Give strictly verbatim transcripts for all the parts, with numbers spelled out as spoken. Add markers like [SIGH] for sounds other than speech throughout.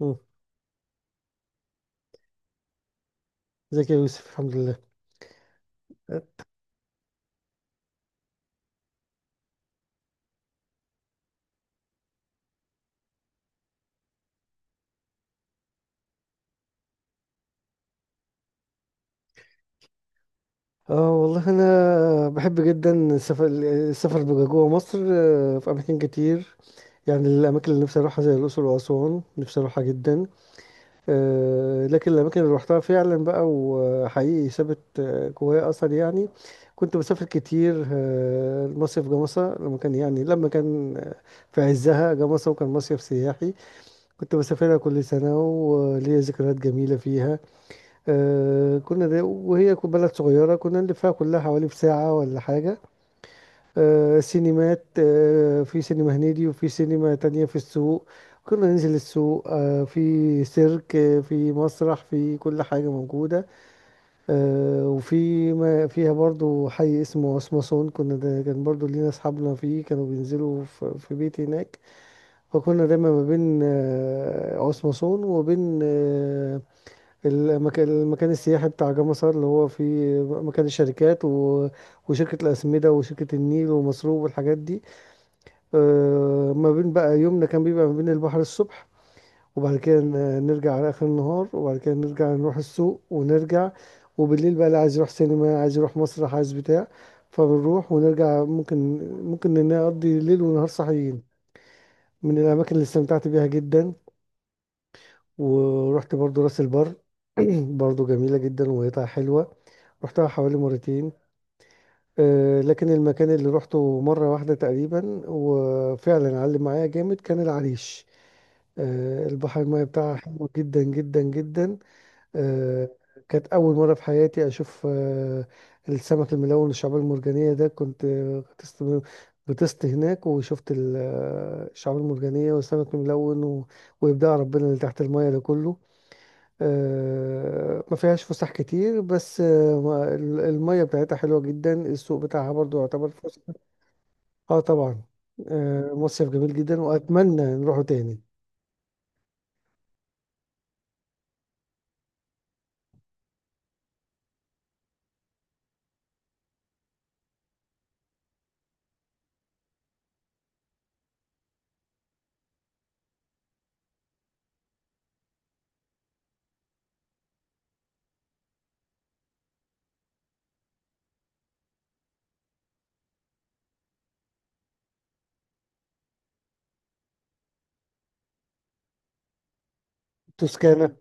مم. ازيك يا يوسف، الحمد لله. اه، والله انا بحب جدا السفر. السفر بقى جوه مصر، آه، في اماكن كتير. يعني الاماكن اللي نفسي اروحها زي الاقصر واسوان، نفسي اروحها جدا. آه، لكن الاماكن اللي روحتها فعلا بقى وحقيقي سابت آه، جوايا اثر، يعني كنت بسافر كتير. آه، المصيف جمصة لما كان يعني لما كان آه، في عزها، جمصة وكان مصيف سياحي. كنت بسافرها كل سنة وليا ذكريات جميلة فيها. آه كنا، دي وهي كو- بلد صغيرة، كنا نلفها كلها حوالي في ساعة ولا حاجة. آه سينمات، آه في سينما هنيدي وفي سينما تانية في السوق. كنا ننزل السوق، آه في سيرك، آه في مسرح، في كل حاجة موجودة. آه وفي ما فيها برضو حي اسمه اسمصون، كنا، ده كان برضو لينا أصحابنا فيه، كانوا بينزلوا في, في بيت هناك. فكنا دايما ما بين آه اسمصون وبين آه، المكان المكان السياحي بتاع جمصة، اللي هو فيه مكان الشركات و... وشركة الأسمدة وشركة النيل ومصروف والحاجات دي. آه، ما بين بقى يومنا كان بيبقى ما بين البحر الصبح، وبعد كده ن- نرجع على آخر النهار، وبعد كده نرجع نروح السوق ونرجع. وبالليل بقى، اللي عايز يروح سينما، عايز يروح مسرح، عايز بتاع. فبنروح ونرجع ممكن، ممكن نقضي ليل ونهار صحيين. من الأماكن اللي استمتعت بيها جدا، ورحت برضو راس البر. [CLEARS THROAT] برضو جميلة جدا، وقطع حلوة. رحتها حوالي مرتين. آه، لكن المكان اللي روحته مرة واحدة تقريبا وفعلا علم معايا جامد كان العريش. آه، البحر، المياه بتاعها حلو جدا جدا جدا. آه، كانت أول مرة في حياتي أشوف آه، السمك الملون، الشعاب المرجانية، ده كنت آه، غطست غطست هناك وشفت ال- آه، الشعاب المرجانية والسمك الملون و- وإبداع ربنا اللي تحت المياه ده كله. آه، ما فيهاش فسح كتير، بس آه، ما- ال- المية بتاعتها حلوة جدا، السوق بتاعها برضو يعتبر فسح. اه، طبعا. آه، مصيف جميل جدا واتمنى نروحه تاني. توسكانا.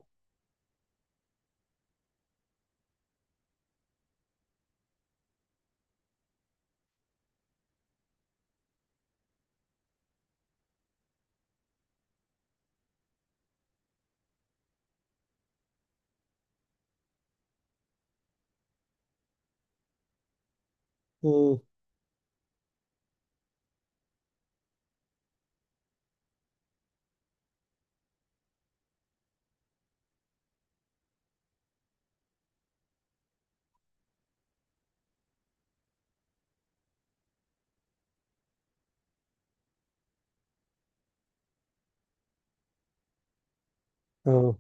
مم. اه،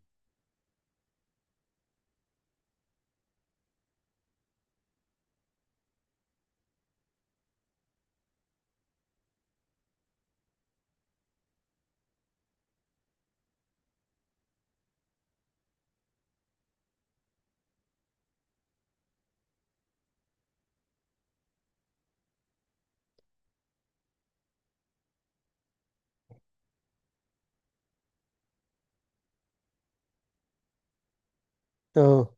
اه،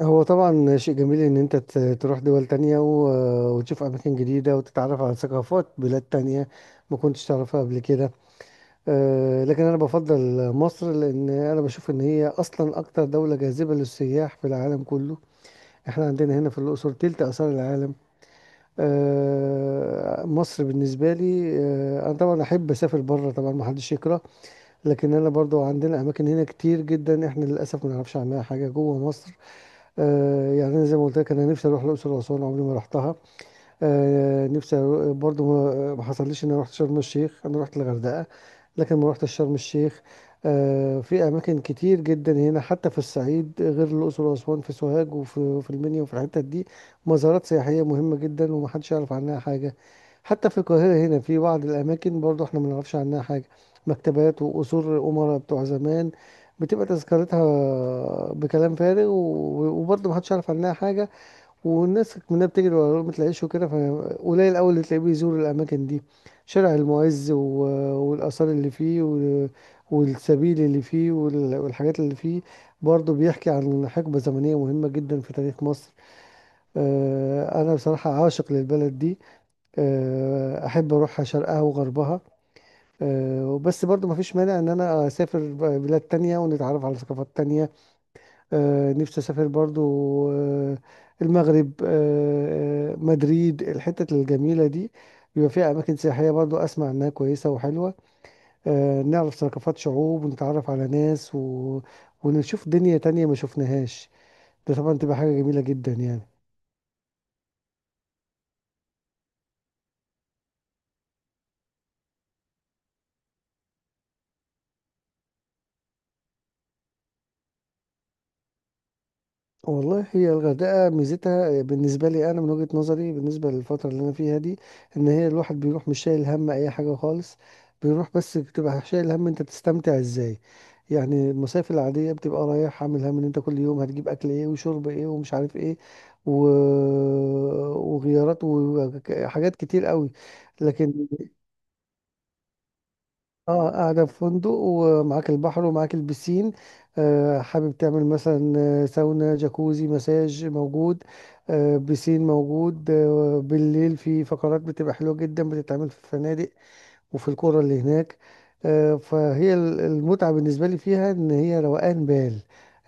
هو طبعا شيء جميل ان انت ت- تروح دول تانية و- وتشوف اماكن جديدة وتتعرف على ثقافات بلاد تانية ما كنتش تعرفها قبل كده. آه، لكن انا بفضل مصر، لان انا بشوف ان هي اصلا اكتر دولة جاذبة للسياح في العالم كله. احنا عندنا هنا في الأقصر تلت آثار العالم. آه، مصر بالنسبة لي، آه، أنا طبعا أحب أسافر بره، طبعا محدش يكره. لكن أنا برضو عندنا أماكن هنا كتير جدا، احنا للأسف ما نعرفش عنها حاجة جوه مصر. آه، يعني أنا زي ما قلت لك، أنا نفسي أروح الأقصر وأسوان، عمري ما رحتها. آه، نفسي أرو- برضو ما ما حصلليش ان انا رحت شرم الشيخ، انا رحت الغردقة لكن ما رحتش شرم الشيخ. آه، في اماكن كتير جدا هنا حتى في الصعيد، غير الاقصر واسوان، في سوهاج وفي في المنيا وفي الحتت دي مزارات سياحية مهمة جدا ومحدش يعرف عنها حاجة. حتى في القاهرة هنا في بعض الاماكن برضو احنا ما نعرفش عنها حاجة، مكتبات وقصور الامراء بتوع زمان، بتبقى تذكرتها بكلام فارغ و- وبرضه محدش يعرف عنها حاجة. والناس منها بتجري وراه ما تلاقيش، وكده فقليل أوي اللي تلاقيه بيزور الأماكن دي. شارع المعز و... والآثار اللي فيه و... والسبيل اللي فيه وال... والحاجات اللي فيه برضه بيحكي عن حقبة زمنية مهمة جدا في تاريخ مصر. آه، أنا بصراحة عاشق للبلد دي. آه، أحب أروحها شرقها وغربها. آه، بس برضه مفيش مانع إن أنا أسافر بلاد تانية ونتعرف على ثقافات تانية. آه، نفسي اسافر برضو آه، المغرب، آه، آه، مدريد، الحتت الجميله دي، بيبقى فيها اماكن سياحيه برضو اسمع انها كويسه وحلوه. آه، نعرف ثقافات شعوب ونتعرف على ناس و... ونشوف دنيا تانية ما شفناهاش. ده طبعا تبقى حاجه جميله جدا، يعني والله هي الغردقة ميزتها بالنسبة لي، أنا من وجهة نظري بالنسبة للفترة اللي أنا فيها دي، إن هي الواحد بيروح مش شايل هم أي حاجة خالص. بيروح بس بتبقى شايل هم أنت بتستمتع إزاي. يعني المصايف العادية بتبقى رايح عامل هم إن أنت كل يوم هتجيب أكل إيه وشرب إيه ومش عارف إيه و... وغيارات وحاجات كتير قوي. لكن، اه، قاعدة في فندق ومعاك البحر ومعاك البسين. آه حابب تعمل مثلا آه، ساونا، جاكوزي، مساج موجود. آه بسين موجود. آه بالليل في فقرات بتبقى حلوة جدا بتتعمل في الفنادق وفي القرى اللي هناك. آه فهي ال- المتعة بالنسبة لي فيها ان هي روقان بال،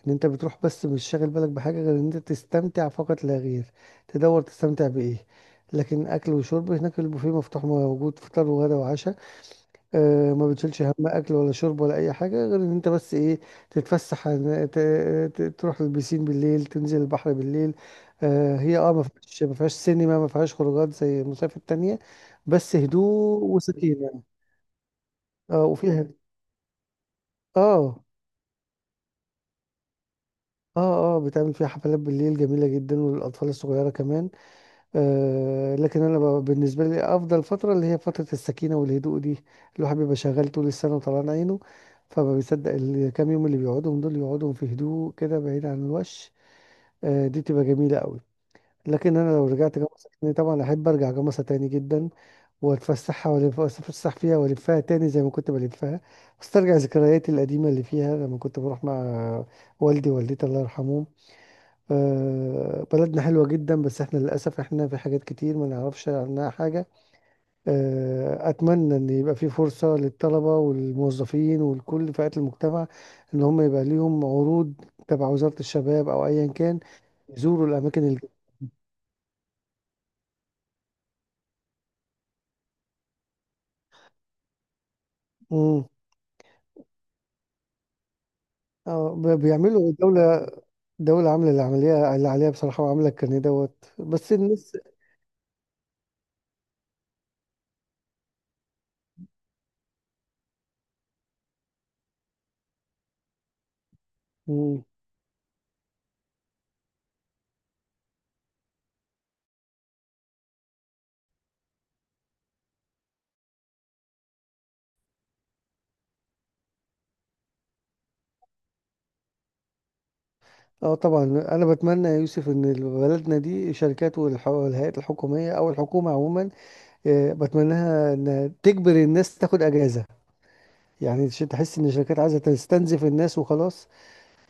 ان انت بتروح بس مش شاغل بالك بحاجة غير ان انت تستمتع فقط لا غير. تدور تستمتع بإيه؟ لكن اكل وشرب هناك، البوفيه مفتوح موجود، فطار وغدا وعشاء. آه، ما بتشيلش هم اكل ولا شرب ولا اي حاجه غير ان انت بس ايه، تتفسح عن- ت- ت- تروح البسين بالليل، تنزل البحر بالليل. آه، هي اه ما فيهاش ما فيهاش سينما، ما فيهاش خروجات زي المصايف التانية، بس هدوء وسكينه. اه، وفيها، اه اه اه بتعمل فيها حفلات بالليل جميله جدا وللاطفال الصغيره كمان. آه، لكن انا ب- بالنسبه لي افضل فتره اللي هي فتره السكينه والهدوء دي. الواحد بيبقى شغال طول السنه وطلعان عينه، فما بيصدق الكام يوم اللي بيقعدهم، دول يقعدهم في هدوء كده بعيد عن الوش. آه، دي تبقى جميله قوي. لكن انا لو رجعت جمصة تاني، طبعا احب ارجع جمصة تاني جدا، واتفسحها والف اتفسح فيها والفها تاني زي ما كنت بلفها، استرجع ذكرياتي القديمه اللي فيها لما كنت بروح مع والدي ووالدتي، الله يرحمهم. آه، بلدنا حلوة جدا، بس احنا للأسف احنا في حاجات كتير ما نعرفش عنها حاجة. آه، أتمنى إن يبقى في فرصة للطلبة والموظفين ولكل فئات المجتمع، إن هم يبقى ليهم عروض تبع وزارة الشباب أو أيا كان، يزوروا الأماكن ال... مم. آه، ب- بيعملوا الدولة، دولة عاملة اللي عمليها اللي عليها بصراحة، وعاملة كان دوت، بس الناس. مم. اه، طبعا انا بتمنى يا يوسف ان بلدنا دي، شركات والهيئات الحكوميه او الحكومه عموما، آه، بتمناها ان تجبر الناس تاخد اجازه. يعني عشان تحس ان الشركات عايزه تستنزف الناس وخلاص،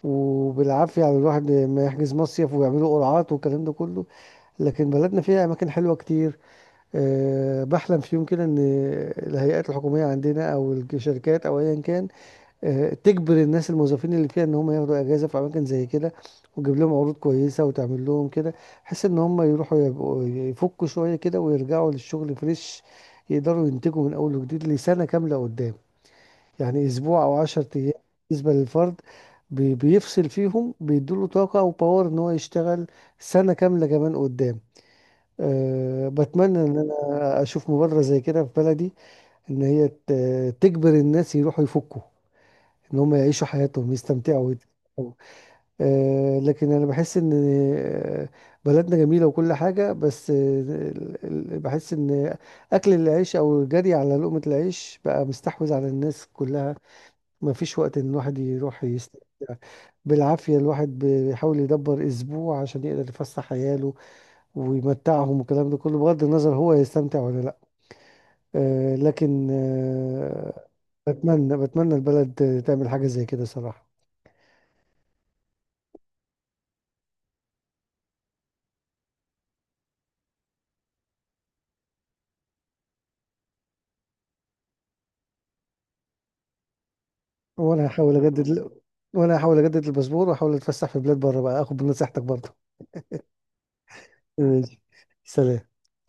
وبالعافيه على الواحد ما يحجز مصيف ويعملوا قرعات والكلام ده كله. لكن بلدنا فيها اماكن حلوه كتير. آه، بحلم في يوم كده ان الهيئات الحكوميه عندنا او الشركات او ايا كان، آه، تجبر الناس، الموظفين اللي فيها، ان هم ياخدوا اجازه في اماكن زي كده، وتجيب لهم عروض كويسه وتعمل لهم كده، بحيث ان هم يروحوا يبقوا يفكوا شويه كده ويرجعوا للشغل فريش، يقدروا ينتجوا من اول وجديد لسنه كامله قدام. يعني اسبوع او عشر ايام. بالنسبه للفرد، بي- بيفصل فيهم بيدوله طاقه وباور ان هو يشتغل سنه كامله كمان قدام. أه بتمنى ان انا اشوف مبادره زي كده في بلدي، ان هي ت- تجبر الناس يروحوا يفكوا، ان هم يعيشوا حياتهم يستمتعوا ويتفرجوا. آه لكن انا بحس ان آه، بلدنا جميله وكل حاجه، بس آه، ال- ال- بحس ان اكل العيش او الجري على لقمه العيش بقى مستحوذ على الناس كلها. ما فيش وقت ان الواحد يروح يستمتع. بالعافيه الواحد بيحاول يدبر اسبوع عشان يقدر يفسح عياله ويمتعهم، والكلام ده كله بغض النظر هو يستمتع ولا لا. آه لكن آه بتمنى بتمنى البلد تعمل حاجه زي كده، صراحه. وانا هحاول اجدد ال- وانا هحاول اجدد الباسبور واحاول اتفسح في بلاد بره، بقى اخد بنصيحتك برضه. ماشي، سلام.